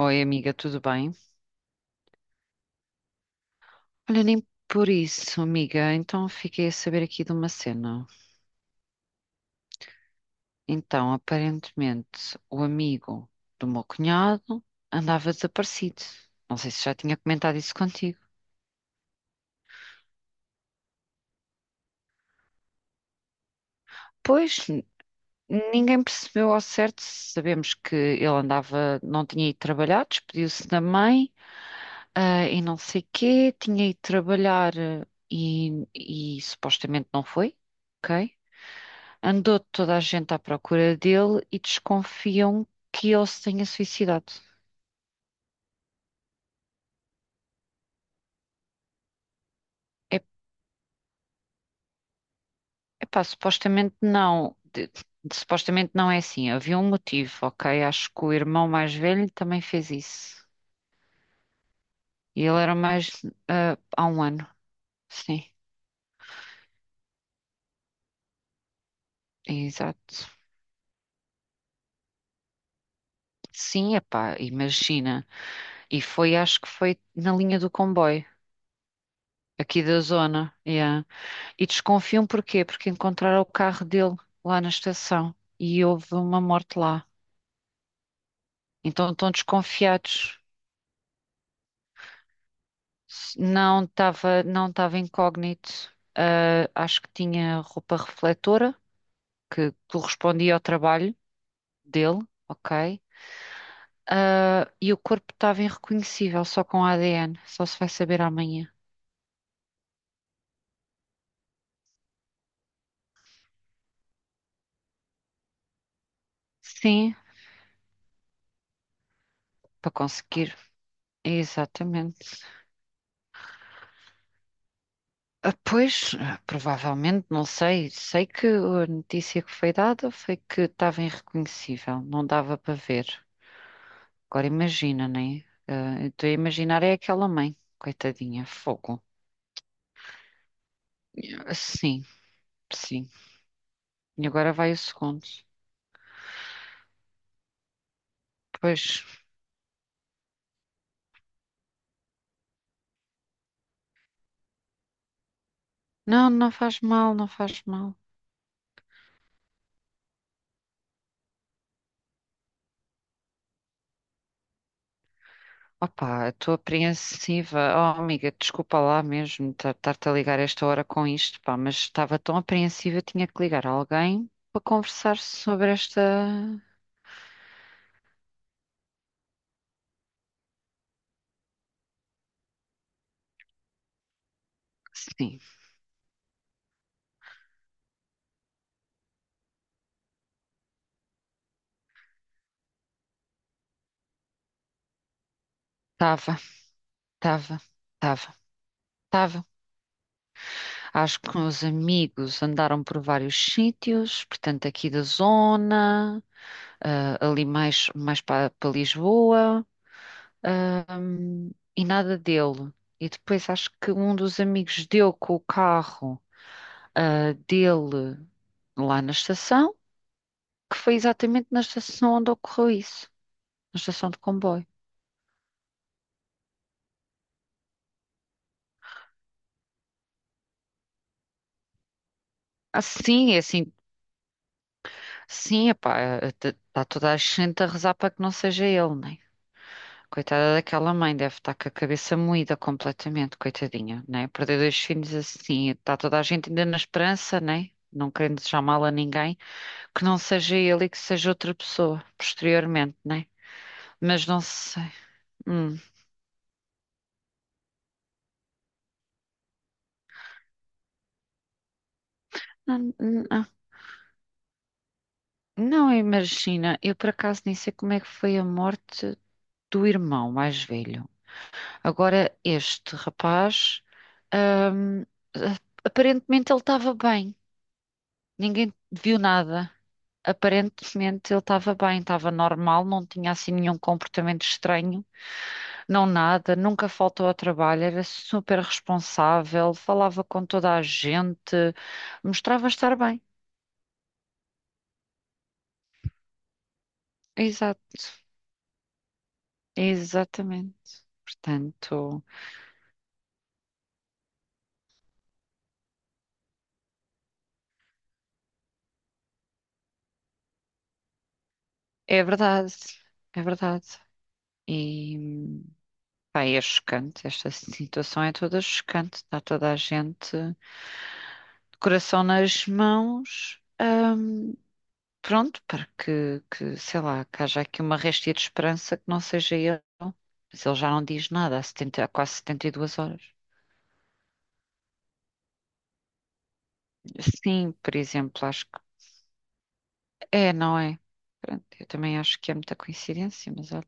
Oi, amiga, tudo bem? Olha, nem por isso, amiga. Então, fiquei a saber aqui de uma cena. Então, aparentemente, o amigo do meu cunhado andava desaparecido. Não sei se já tinha comentado isso contigo. Pois, ninguém percebeu ao certo. Sabemos que ele andava, não tinha ido trabalhar, despediu-se da mãe, ah, e não sei quê, tinha ido trabalhar e, e supostamente não foi. Ok? Andou toda a gente à procura dele e desconfiam que ele se tenha suicidado. É, epá, supostamente não. Supostamente não é assim. Havia um motivo, ok? Acho que o irmão mais velho também fez isso. E ele era mais ah, há um ano. Sim, exato. Sim, epá, imagina. E foi, acho que foi na linha do comboio, aqui da zona. Yeah. E desconfiam porquê? Porque encontraram o carro dele lá na estação e houve uma morte lá. Então estão desconfiados. Não estava, não estava incógnito. Ah, acho que tinha roupa refletora, que correspondia ao trabalho dele, ok? Ah, e o corpo estava irreconhecível, só com ADN. Só se vai saber amanhã. Sim, para conseguir. Exatamente. Ah, pois, ah, provavelmente, não sei. Sei que a notícia que foi dada foi que estava irreconhecível, não dava para ver. Agora imagina, né? Ah, eu estou a imaginar é aquela mãe, coitadinha, fogo. Ah, sim, sim. E agora vai o segundo. Pois, não, não faz mal, não faz mal. Opa, estou apreensiva. Oh, amiga, desculpa lá mesmo estar-te a ligar esta hora com isto, pá, mas estava tão apreensiva, tinha que ligar a alguém para conversar sobre esta. Sim, estava, estava, estava, estava. Acho que meus amigos andaram por vários sítios, portanto, aqui da zona, ah, ali mais para Lisboa, e nada dele. E depois acho que um dos amigos deu com o carro, ah, dele lá na estação, que foi exatamente na estação onde ocorreu isso, na estação de comboio. Ah, sim, é assim, sim, epá, está toda a gente a rezar para que não seja ele, né? Coitada daquela mãe, deve estar com a cabeça moída completamente, coitadinha, né? Perder dois filhos assim, está toda a gente ainda na esperança, né? Não querendo desejar mal a ninguém, que não seja ele e que seja outra pessoa, posteriormente, né? Mas não sei. Hum. Não, não, não imagina, eu por acaso nem sei como é que foi a morte do irmão mais velho. Agora, este rapaz, hum, aparentemente ele estava bem, ninguém viu nada. Aparentemente ele estava bem, estava normal, não tinha assim nenhum comportamento estranho, não nada, nunca faltou ao trabalho, era super responsável, falava com toda a gente, mostrava estar bem. Exato, exatamente. Portanto, é verdade, é verdade. E pá, é chocante, esta situação é toda chocante, está toda a gente de coração nas mãos. Pronto, para que, sei lá, que haja aqui uma réstia de esperança que não seja ele. Mas ele já não diz nada há quase 72 horas. Sim, por exemplo, acho que é, não é? Pronto, eu também acho que é muita coincidência, mas olha,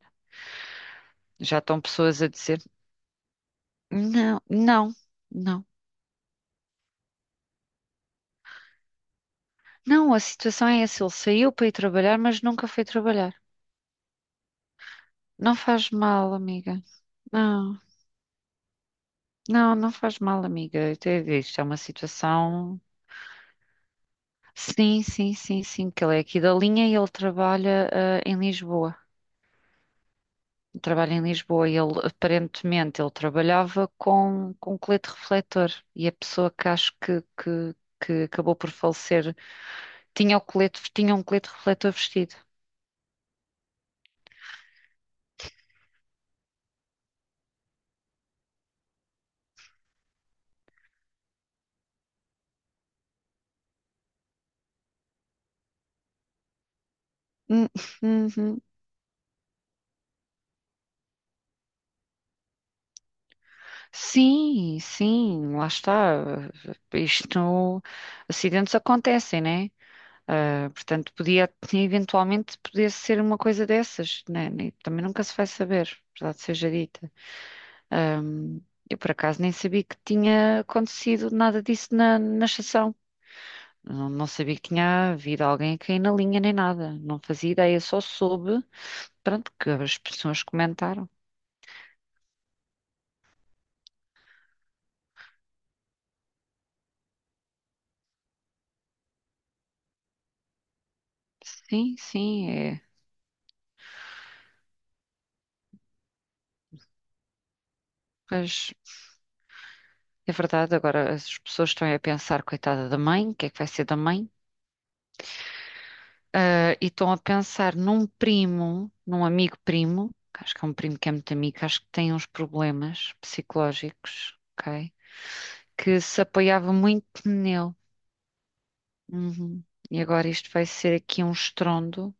já estão pessoas a dizer: não, não, não. Não, a situação é essa: ele saiu para ir trabalhar, mas nunca foi trabalhar. Não faz mal, amiga. Não, não, não faz mal, amiga. Eu te isto é uma situação sim, sim, sim, sim, que ele é aqui da linha e ele trabalha, eh, em Lisboa. Trabalha em Lisboa e ele, aparentemente, ele trabalhava com colete refletor e a pessoa que acho que acabou por falecer tinha o colete, tinha um colete refletor vestido. Hum, uhum. Sim, sim, lá está. Isto, acidentes acontecem, né? Ah, portanto, podia, eventualmente, podia ser uma coisa dessas, né? Também nunca se vai saber, verdade seja dita. Ahm, eu, por acaso, nem sabia que tinha acontecido nada disso na estação. Não, não sabia que tinha havido alguém a cair na linha nem nada. Não fazia ideia, só soube, pronto, que as pessoas comentaram. Sim, sim, é. Mas é verdade, agora as pessoas estão aí a pensar, coitada da mãe, o que é que vai ser da mãe? Ah, e estão a pensar num primo, num amigo primo, que acho que é um primo que é muito amigo, acho que tem uns problemas psicológicos, ok? Que se apoiava muito nele. Uhum. E agora isto vai ser aqui um estrondo.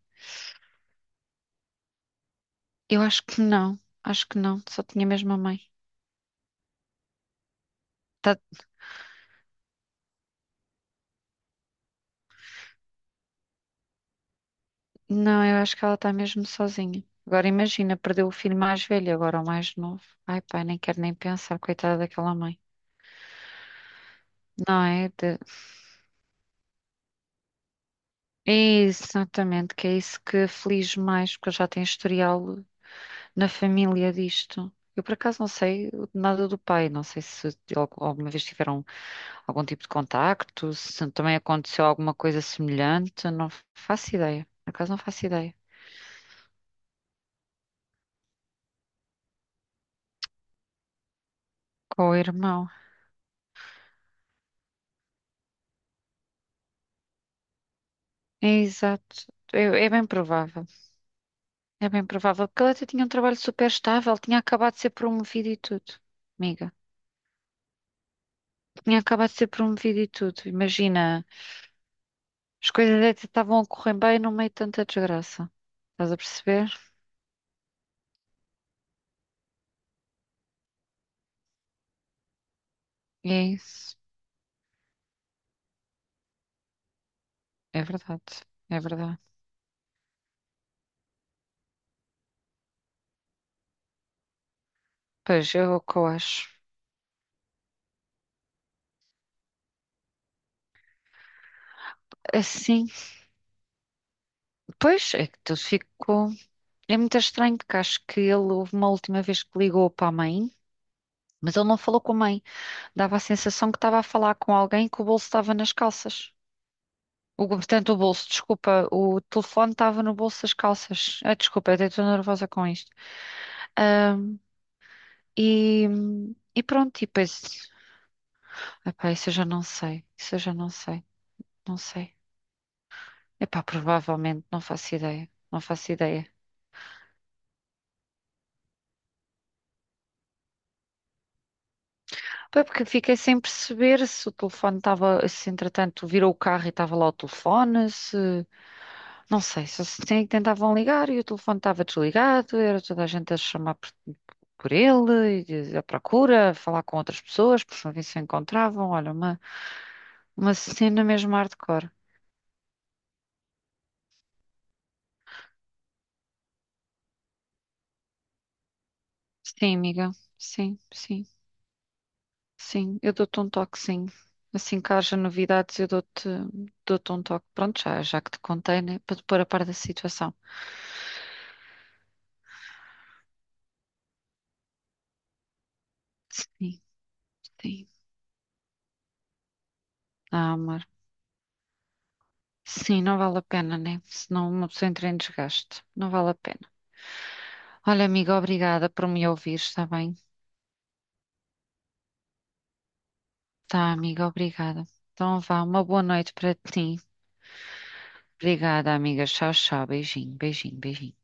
Eu acho que não, só tinha mesmo a mãe. Tá- não, eu acho que ela está mesmo sozinha. Agora imagina, perdeu o filho mais velho, agora o mais novo. Ai, pai, nem quero nem pensar, coitada daquela mãe. Não é? Exatamente, que é isso que aflige mais, porque eu já tenho historial na família disto. Eu por acaso não sei nada do pai, não sei se alguma vez tiveram algum tipo de contacto, se também aconteceu alguma coisa semelhante, não faço ideia. Por acaso não faço ideia. Com o irmão. É exato. É, é bem provável. É bem provável, porque ele até tinha um trabalho super estável, tinha acabado de ser promovido e tudo. Amiga, tinha acabado de ser promovido e tudo. Imagina. As coisas até estavam a correr bem no meio de tanta desgraça. Estás a perceber? E é isso. É verdade. É verdade. Pois, é o que eu acho. Assim, pois, é que tu ficou. É muito estranho porque acho que ele houve uma última vez que ligou para a mãe, mas ele não falou com a mãe. Dava a sensação que estava a falar com alguém que o bolso estava nas calças. O, portanto, o bolso, desculpa, o telefone estava no bolso das calças. Ah, desculpa, até estou nervosa com isto. Ahm, e, e pronto, e depois. Epá, isso eu já não sei. Isso eu já não sei. Não sei. Epá, provavelmente, não faço ideia. Não faço ideia. Pá, é porque fiquei sem perceber se o telefone estava, se entretanto virou o carro e estava lá o telefone, se... Não sei, só se tentavam ligar e o telefone estava desligado, era toda a gente a chamar por ele, e a procura, a falar com outras pessoas, por não ver se o encontravam. Olha, uma cena mesmo hardcore. Sim, amiga. Sim, sim. Sim, eu dou-te um toque, sim. Assim que haja novidades, eu dou-te um toque. Pronto, já, já que te contei, né? Para te pôr a par da situação. Sim, sim. Ah, amor. Sim, não vale a pena, né? Senão uma pessoa entra em desgaste. Não vale a pena. Olha, amiga, obrigada por me ouvir, está bem? Tá, amiga, obrigada. Então vá, uma boa noite para ti. Obrigada, amiga. Tchau, tchau. Beijinho, beijinho, beijinho.